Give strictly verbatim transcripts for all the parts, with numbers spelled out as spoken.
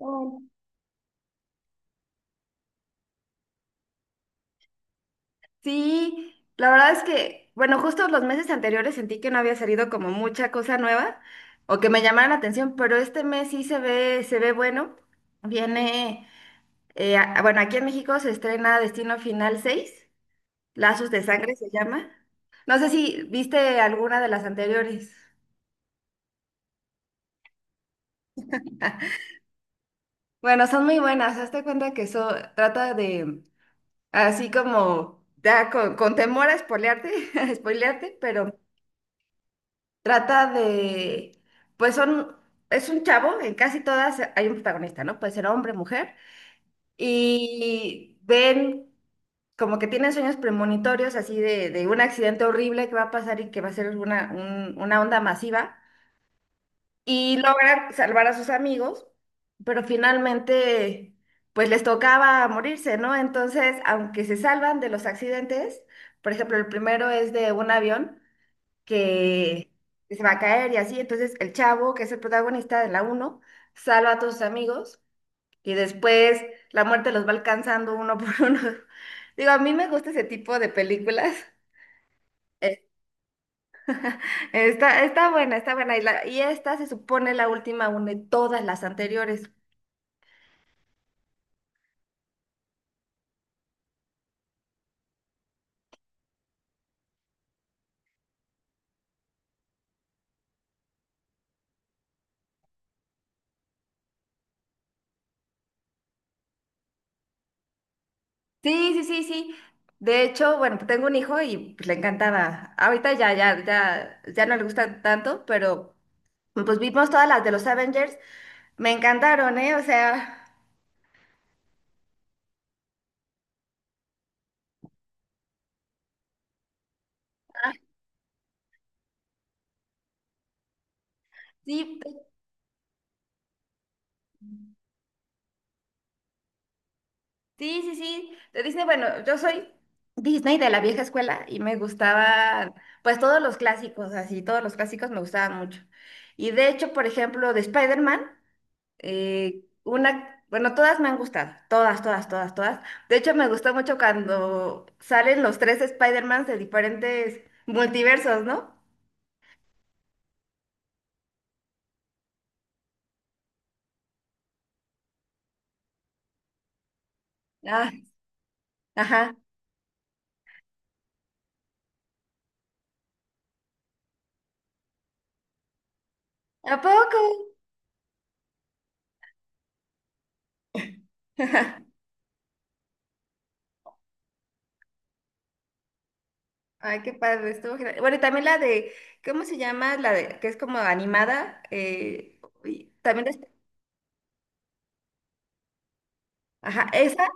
Oh. Sí, la verdad es que, bueno, justo los meses anteriores sentí que no había salido como mucha cosa nueva o que me llamara la atención, pero este mes sí se ve, se ve bueno. Viene, eh, a- bueno, aquí en México se estrena Destino Final seis, Lazos de Sangre se llama. No sé si viste alguna de las anteriores. Bueno, son muy buenas. Hazte cuenta que eso trata de, así como, ya con, con temor a spoilearte, a spoilearte, pero trata de, pues son, es un chavo, en casi todas hay un protagonista, ¿no? Puede ser hombre, mujer, y ven como que tienen sueños premonitorios así de, de un accidente horrible que va a pasar y que va a ser una, un- una onda masiva, y logran salvar a sus amigos, pero finalmente, pues les tocaba morirse, ¿no? Entonces, aunque se salvan de los accidentes, por ejemplo, el primero es de un avión que que se va a caer y así. Entonces el chavo, que es el protagonista de la uno, salva a todos sus amigos y después la muerte los va alcanzando uno por uno. Digo, a mí me gusta ese tipo de películas. Eh, Está, está buena, está buena. Y, la- y esta se supone la última une todas las anteriores. Sí, sí, sí, sí. De hecho, bueno, pues tengo un hijo y pues, le encantaba. Ahorita ya, ya, ya, ya no le gusta tanto, pero pues vimos todas las de los Avengers. Me encantaron, ¿eh? O sea, sí, sí, sí, sí. De Disney, bueno, yo soy Disney de la vieja escuela y me gustaban, pues todos los clásicos, así, todos los clásicos me gustaban mucho. Y de hecho, por ejemplo, de Spider-Man. Eh, una, bueno, todas me han gustado, todas, todas, todas, todas. De hecho, me gustó mucho cuando salen los tres Spider-Mans de diferentes multiversos, ¿no? Ah, ajá. ¿A poco? Ay, qué padre, estuvo genial. Bueno, y también la de, ¿cómo se llama? La de, que es como animada. Eh, y también, es- ajá, esa,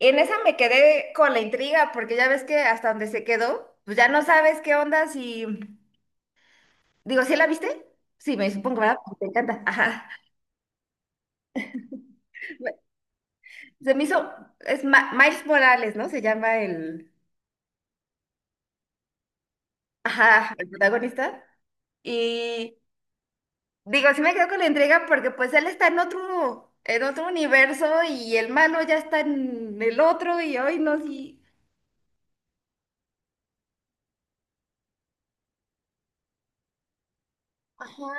en esa me quedé con la intriga, porque ya ves que hasta donde se quedó, pues ya no sabes qué onda si... Digo, ¿sí la viste? Sí, me supongo, ¿verdad? Te encanta. Ajá. Bueno, se me hizo, es Ma- Miles Morales, ¿no? Se llama el, ajá, el protagonista. Y digo, sí me quedo con la entrega porque pues él está en otro, en otro universo y el malo ya está en el otro y hoy no, sí. Ajá.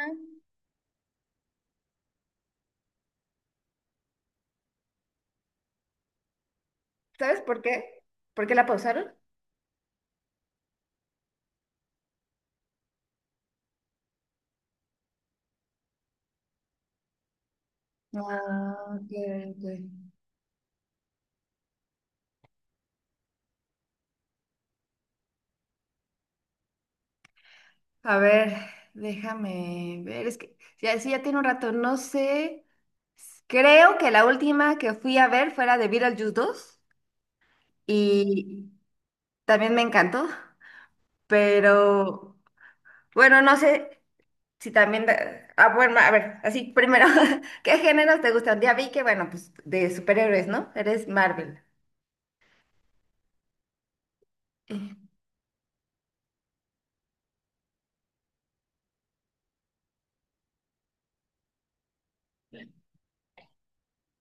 ¿Sabes por qué? ¿Por qué la pausaron? Ah, ok, ok. A ver, déjame ver, es que ya, sí, ya tiene un rato, no sé. Creo que la última que fui a ver fue la de Beetlejuice dos y también me encantó, pero bueno, no sé si también... da- Ah, bueno, a ver, así primero, ¿qué géneros te gustan? Ya vi que, bueno, pues de superhéroes, ¿no? Eres Marvel. Eh,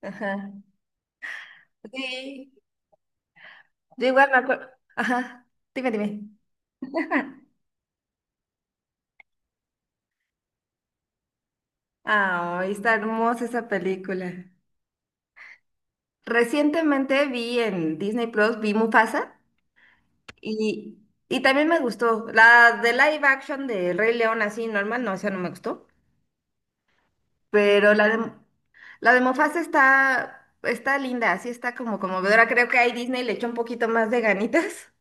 Ajá. Sí, yo igual me acuerdo. Ajá, dime, dime. Ay, está hermosa esa película. Recientemente vi en Disney Plus, vi Mufasa. Y, y también me gustó. La de live action de Rey León, así normal, no, esa no me gustó. Pero la de, la de Mufasa está, está linda, así está como conmovedora. Creo que ahí Disney le echó un poquito más de ganitas.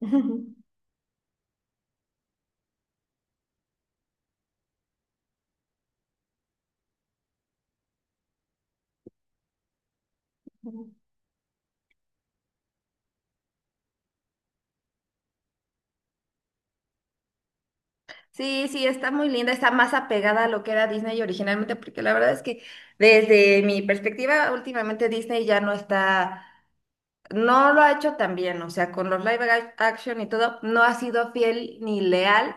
Sí, sí, está muy linda, está más apegada a lo que era Disney originalmente, porque la verdad es que desde mi perspectiva, últimamente Disney ya no está, no lo ha hecho tan bien, o sea, con los live ac- action y todo, no ha sido fiel ni leal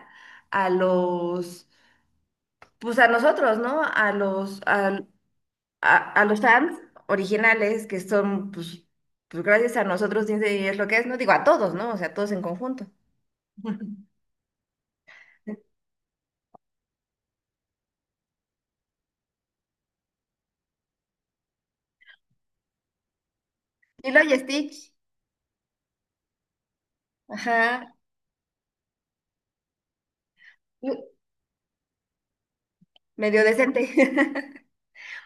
a los, pues a nosotros, ¿no? A los, al- a, a los fans originales que son, pues, pues gracias a nosotros Disney es lo que es, no digo a todos, ¿no? O sea, todos en conjunto. Lilo y Stitch, ajá, medio decente.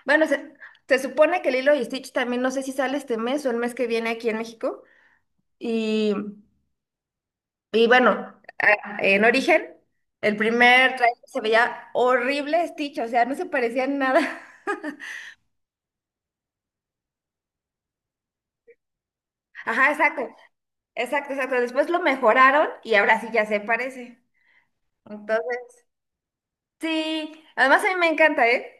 Bueno, se, se supone que Lilo y Stitch también, no sé si sale este mes o el mes que viene aquí en México. Y, y bueno, a- en origen, el primer trailer se veía horrible Stitch, o sea, no se parecía en nada. Ajá, exacto. Exacto, exacto. Después lo mejoraron y ahora sí ya se parece. Entonces, sí, además a mí me encanta, ¿eh?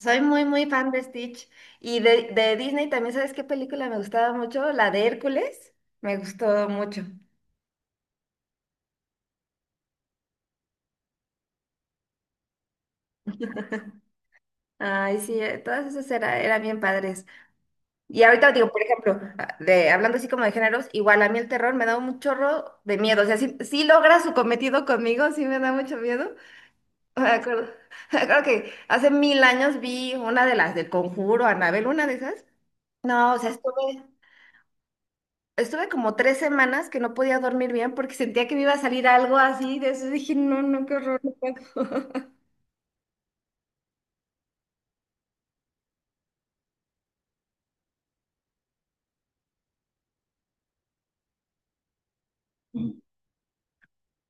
Soy muy, muy fan de Stitch. Y de, de Disney también, ¿sabes qué película me gustaba mucho? La de Hércules. Me gustó mucho. Ay, sí, eh, todas esas era- eran bien padres. Y ahorita digo, por ejemplo, ah, de, hablando así como de géneros, igual a mí el terror me da un chorro de miedo. O sea, sí, sí logra su cometido conmigo, sí me da mucho miedo. Me acuerdo, me acuerdo que hace mil años vi una de las del Conjuro, Anabel, una de esas. No, o sea, estuve, estuve como tres semanas que no podía dormir bien porque sentía que me iba a salir algo así. De eso dije, no, no, qué horror.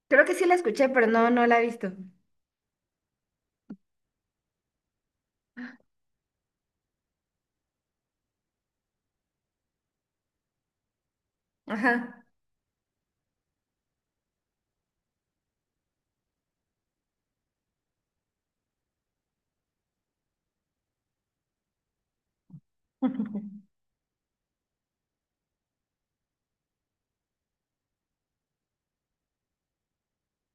Creo que sí la escuché, pero no, no la he visto. Ajá.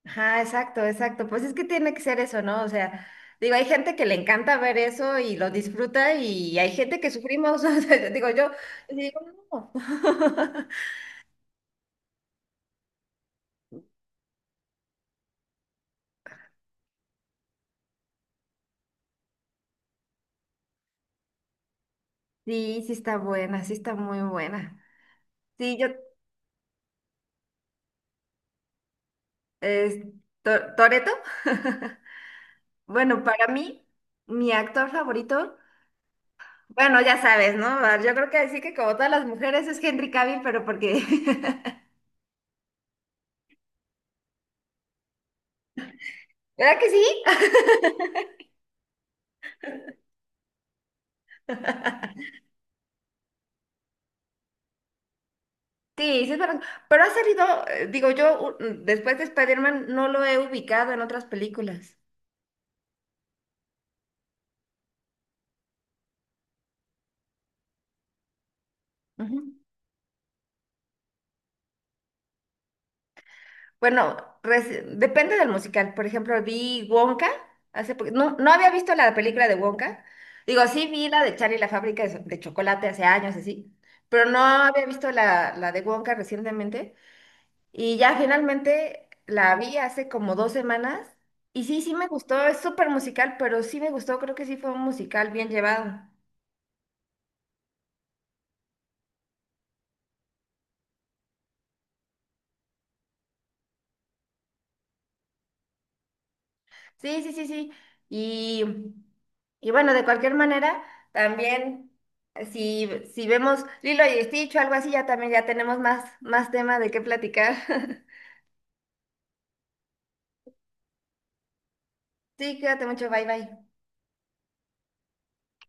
Ajá, exacto, exacto. Pues es que tiene que ser eso, ¿no? O sea, digo, hay gente que le encanta ver eso y lo disfruta y hay gente que sufrimos. O sea, digo, yo digo, no. Sí, sí está buena, sí está muy buena. Sí, yo, es, To- Toretto. Bueno, para mí, mi actor favorito, bueno, ya sabes, ¿no? Ah, Yo creo que decir que como todas las mujeres es Henry Cavill, pero porque... ¿Verdad que sí? Sí, sí es verdad. Pero ha salido, eh, digo, yo u- después de Spider-Man no lo he ubicado en otras películas. Bueno, reci- depende del musical. Por ejemplo, vi Wonka hace poqu- no, no había visto la película de Wonka. Digo, sí vi la de Charlie y la fábrica de, so- de chocolate hace años, así. Pero no había visto la, la de Wonka recientemente. Y ya finalmente la vi hace como dos semanas. Y sí, sí me gustó. Es súper musical, pero sí me gustó. Creo que sí fue un musical bien llevado. Sí, sí, sí, sí. Y, y bueno, de cualquier manera, también eh, si, si vemos Lilo y Stitch o algo así, ya también ya tenemos más, más tema de qué platicar. Sí, cuídate mucho, bye bye.